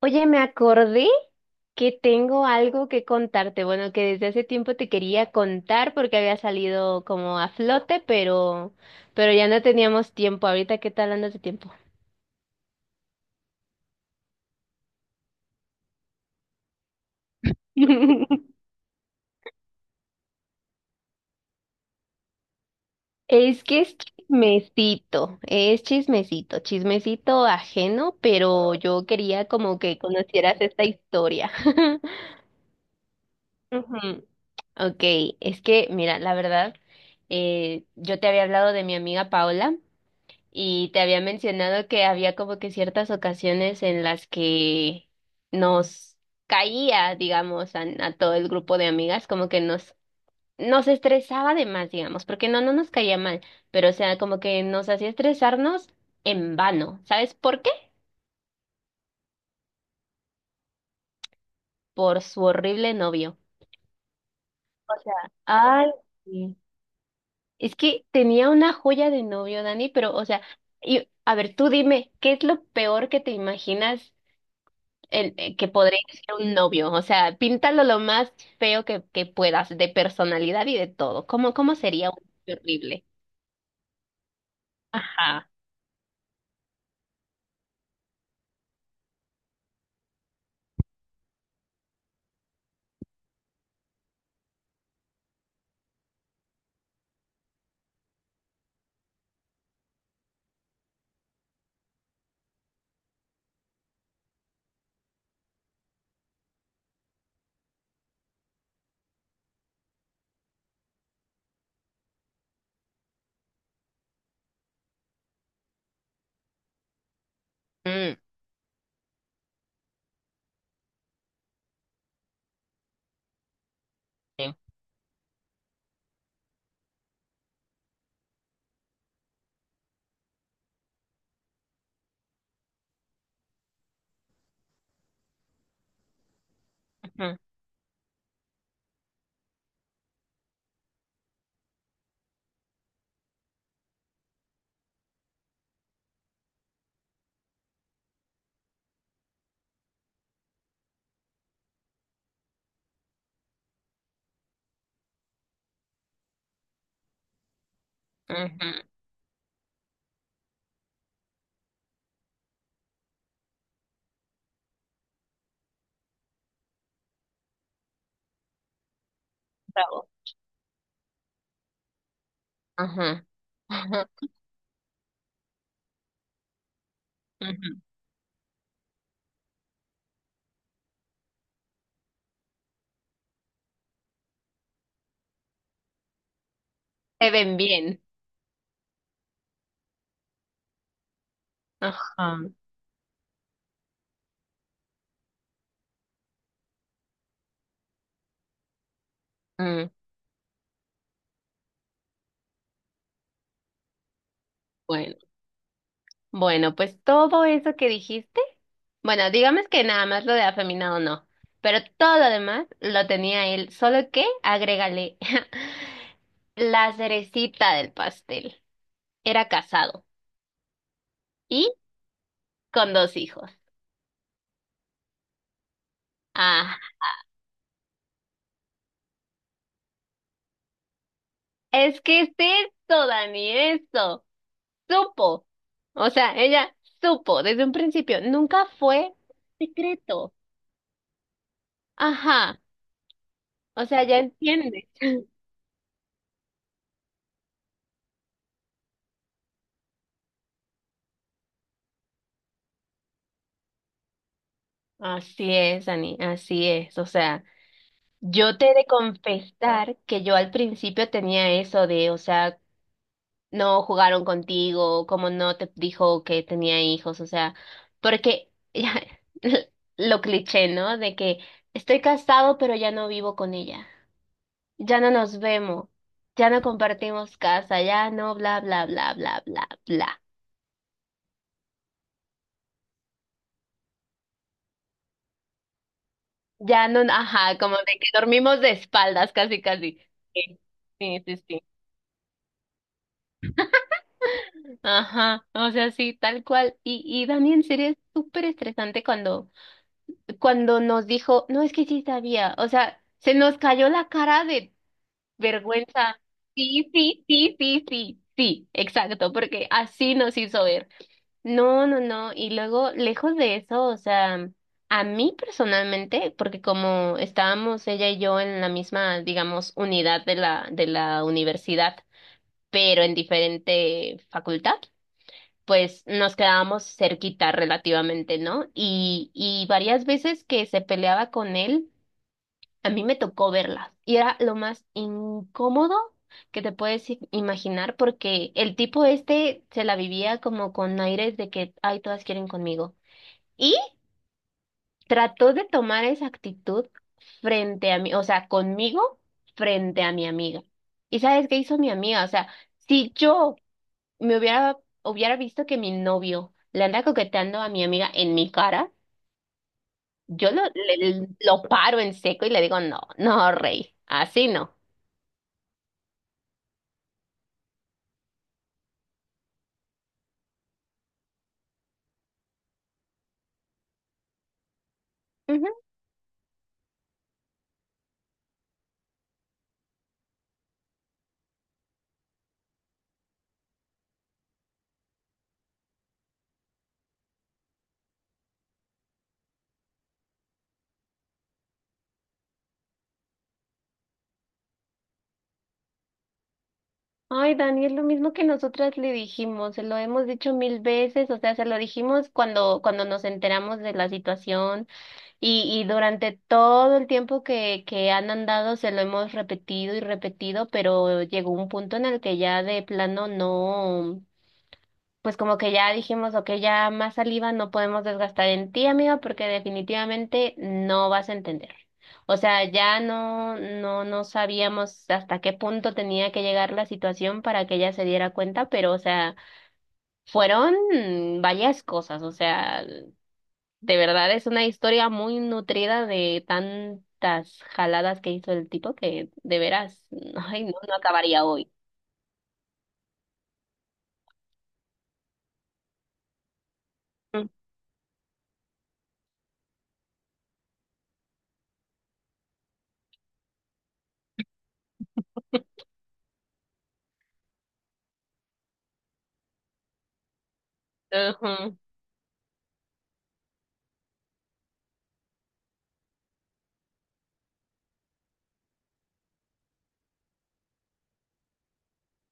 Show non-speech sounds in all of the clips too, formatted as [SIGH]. Oye, me acordé que tengo algo que contarte. Bueno, que desde hace tiempo te quería contar porque había salido como a flote, pero, ya no teníamos tiempo. Ahorita, ¿qué tal andas de tiempo? [LAUGHS] Es que es chismecito, chismecito ajeno, pero yo quería como que conocieras esta historia. [LAUGHS] Ujú. Ok, es que mira, la verdad, yo te había hablado de mi amiga Paola. Y te había mencionado que había como que ciertas ocasiones en las que nos caía, digamos, a todo el grupo de amigas, como que nos, nos estresaba de más, digamos, porque no, no nos caía mal, pero o sea, como que nos hacía estresarnos en vano. ¿Sabes por qué? Por su horrible novio. O sea, ay, sí. Es que tenía una joya de novio, Dani, pero, o sea, y, a ver, tú dime, ¿qué es lo peor que te imaginas? ¿Que podría ser un novio? O sea, píntalo lo más feo que, puedas, de personalidad y de todo. ¿Cómo, cómo sería un novio horrible? Ajá. Mm, sí. Ujú, ujú. Bravo. Ajá. Ajá. Ujú. Se ven bien. Ajá. Mm. Bueno, bueno, pues todo eso que dijiste, bueno, digamos que nada más lo de afeminado no, pero todo lo demás lo tenía él, solo que agrégale [LAUGHS] la cerecita del pastel. Era casado y con dos hijos. Ah, es que es esto, Dani, esto. Supo. O sea, ella supo desde un principio. Nunca fue secreto. Ajá. O sea, ya entiendes. Así es, Dani, así es. O sea, yo te he de confesar que yo al principio tenía eso de, o sea, no jugaron contigo, como no te dijo que tenía hijos, o sea, porque ya, [LAUGHS] lo cliché, ¿no? De que estoy casado, pero ya no vivo con ella, ya no nos vemos, ya no compartimos casa, ya no bla bla bla bla bla bla. Ya no, ajá, como de que dormimos de espaldas, casi casi. Sí, sí, sí, sí. Ajá, o sea, sí, tal cual. Y Dani, en serio, es súper estresante cuando nos dijo, no, es que sí sabía, o sea, se nos cayó la cara de vergüenza. Sí, sí, sí, sí, sí, sí, exacto, porque así nos hizo ver. No, no, no, y luego, lejos de eso, o sea, a mí personalmente, porque como estábamos ella y yo en la misma, digamos, unidad de la, universidad, pero en diferente facultad, pues nos quedábamos cerquita relativamente, ¿no? Y varias veces que se peleaba con él, a mí me tocó verlas. Y era lo más incómodo que te puedes imaginar porque el tipo este se la vivía como con aires de que, ay, todas quieren conmigo. Y trató de tomar esa actitud frente a mí, o sea, conmigo frente a mi amiga. ¿Y sabes qué hizo mi amiga? O sea, si yo hubiera visto que mi novio le anda coqueteando a mi amiga en mi cara, yo lo paro en seco y le digo, no, no, rey, así no. Ujú. Ay, Dani, es lo mismo que nosotras le dijimos, se lo hemos dicho mil veces, o sea, se lo dijimos cuando, nos enteramos de la situación y durante todo el tiempo que, han andado se lo hemos repetido y repetido, pero llegó un punto en el que ya de plano no. Pues como que ya dijimos, ok, ya más saliva no podemos desgastar en ti, amiga, porque definitivamente no vas a entender. O sea, ya no, no, no sabíamos hasta qué punto tenía que llegar la situación para que ella se diera cuenta, pero, o sea, fueron varias cosas. O sea, de verdad es una historia muy nutrida de tantas jaladas que hizo el tipo que de veras, [LAUGHS] ay, no, no acabaría hoy. Ujú.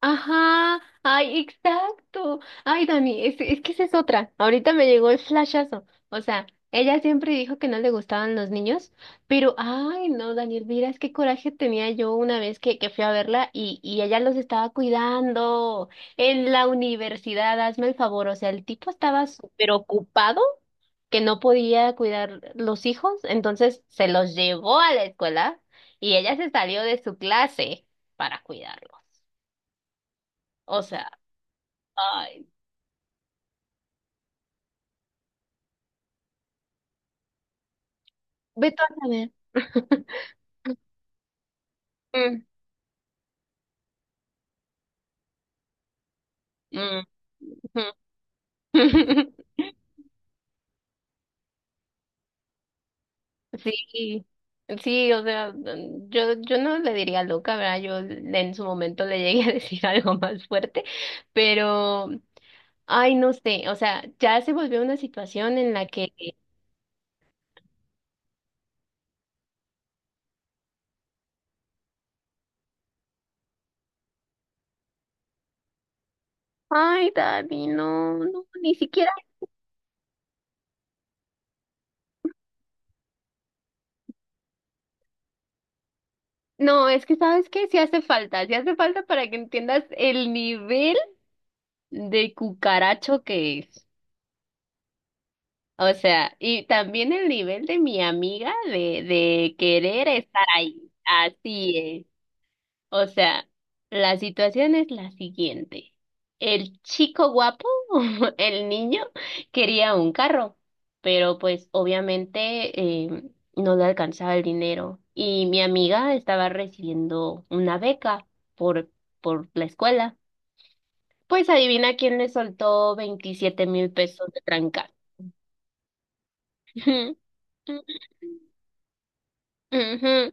Ajá, ay, exacto. Ay, Dani, es, que esa es otra. Ahorita me llegó el flashazo. O sea, ella siempre dijo que no le gustaban los niños, pero, ay, no, Daniel, mira, es qué coraje tenía yo una vez que, fui a verla y ella los estaba cuidando en la universidad, hazme el favor. O sea, el tipo estaba súper ocupado que no podía cuidar los hijos, entonces se los llevó a la escuela y ella se salió de su clase para cuidarlos. O sea. Ay, ve tú a saber. [LAUGHS] Mm, mm, ujú. [LAUGHS] Sí, sí, o sea, yo, yo no le diría loca, ¿verdad? En su momento le llegué a decir [LAUGHS] algo más fuerte, pero, ay, no sé, o sea, ya se volvió una situación en la que, ay, Dani, no, no, ni siquiera, no, es que, ¿sabes que sí hace falta para que entiendas el nivel de cucaracho que es. O sea, y también el nivel de mi amiga de, querer estar ahí. Así es. O sea, la situación es la siguiente. El chico guapo, [LAUGHS] el niño, quería un carro, pero pues obviamente, eh, no le alcanzaba el dinero. Y mi amiga estaba recibiendo una beca por, la escuela. Pues adivina quién le soltó 27,000 pesos de tranca. [LAUGHS] Ujú.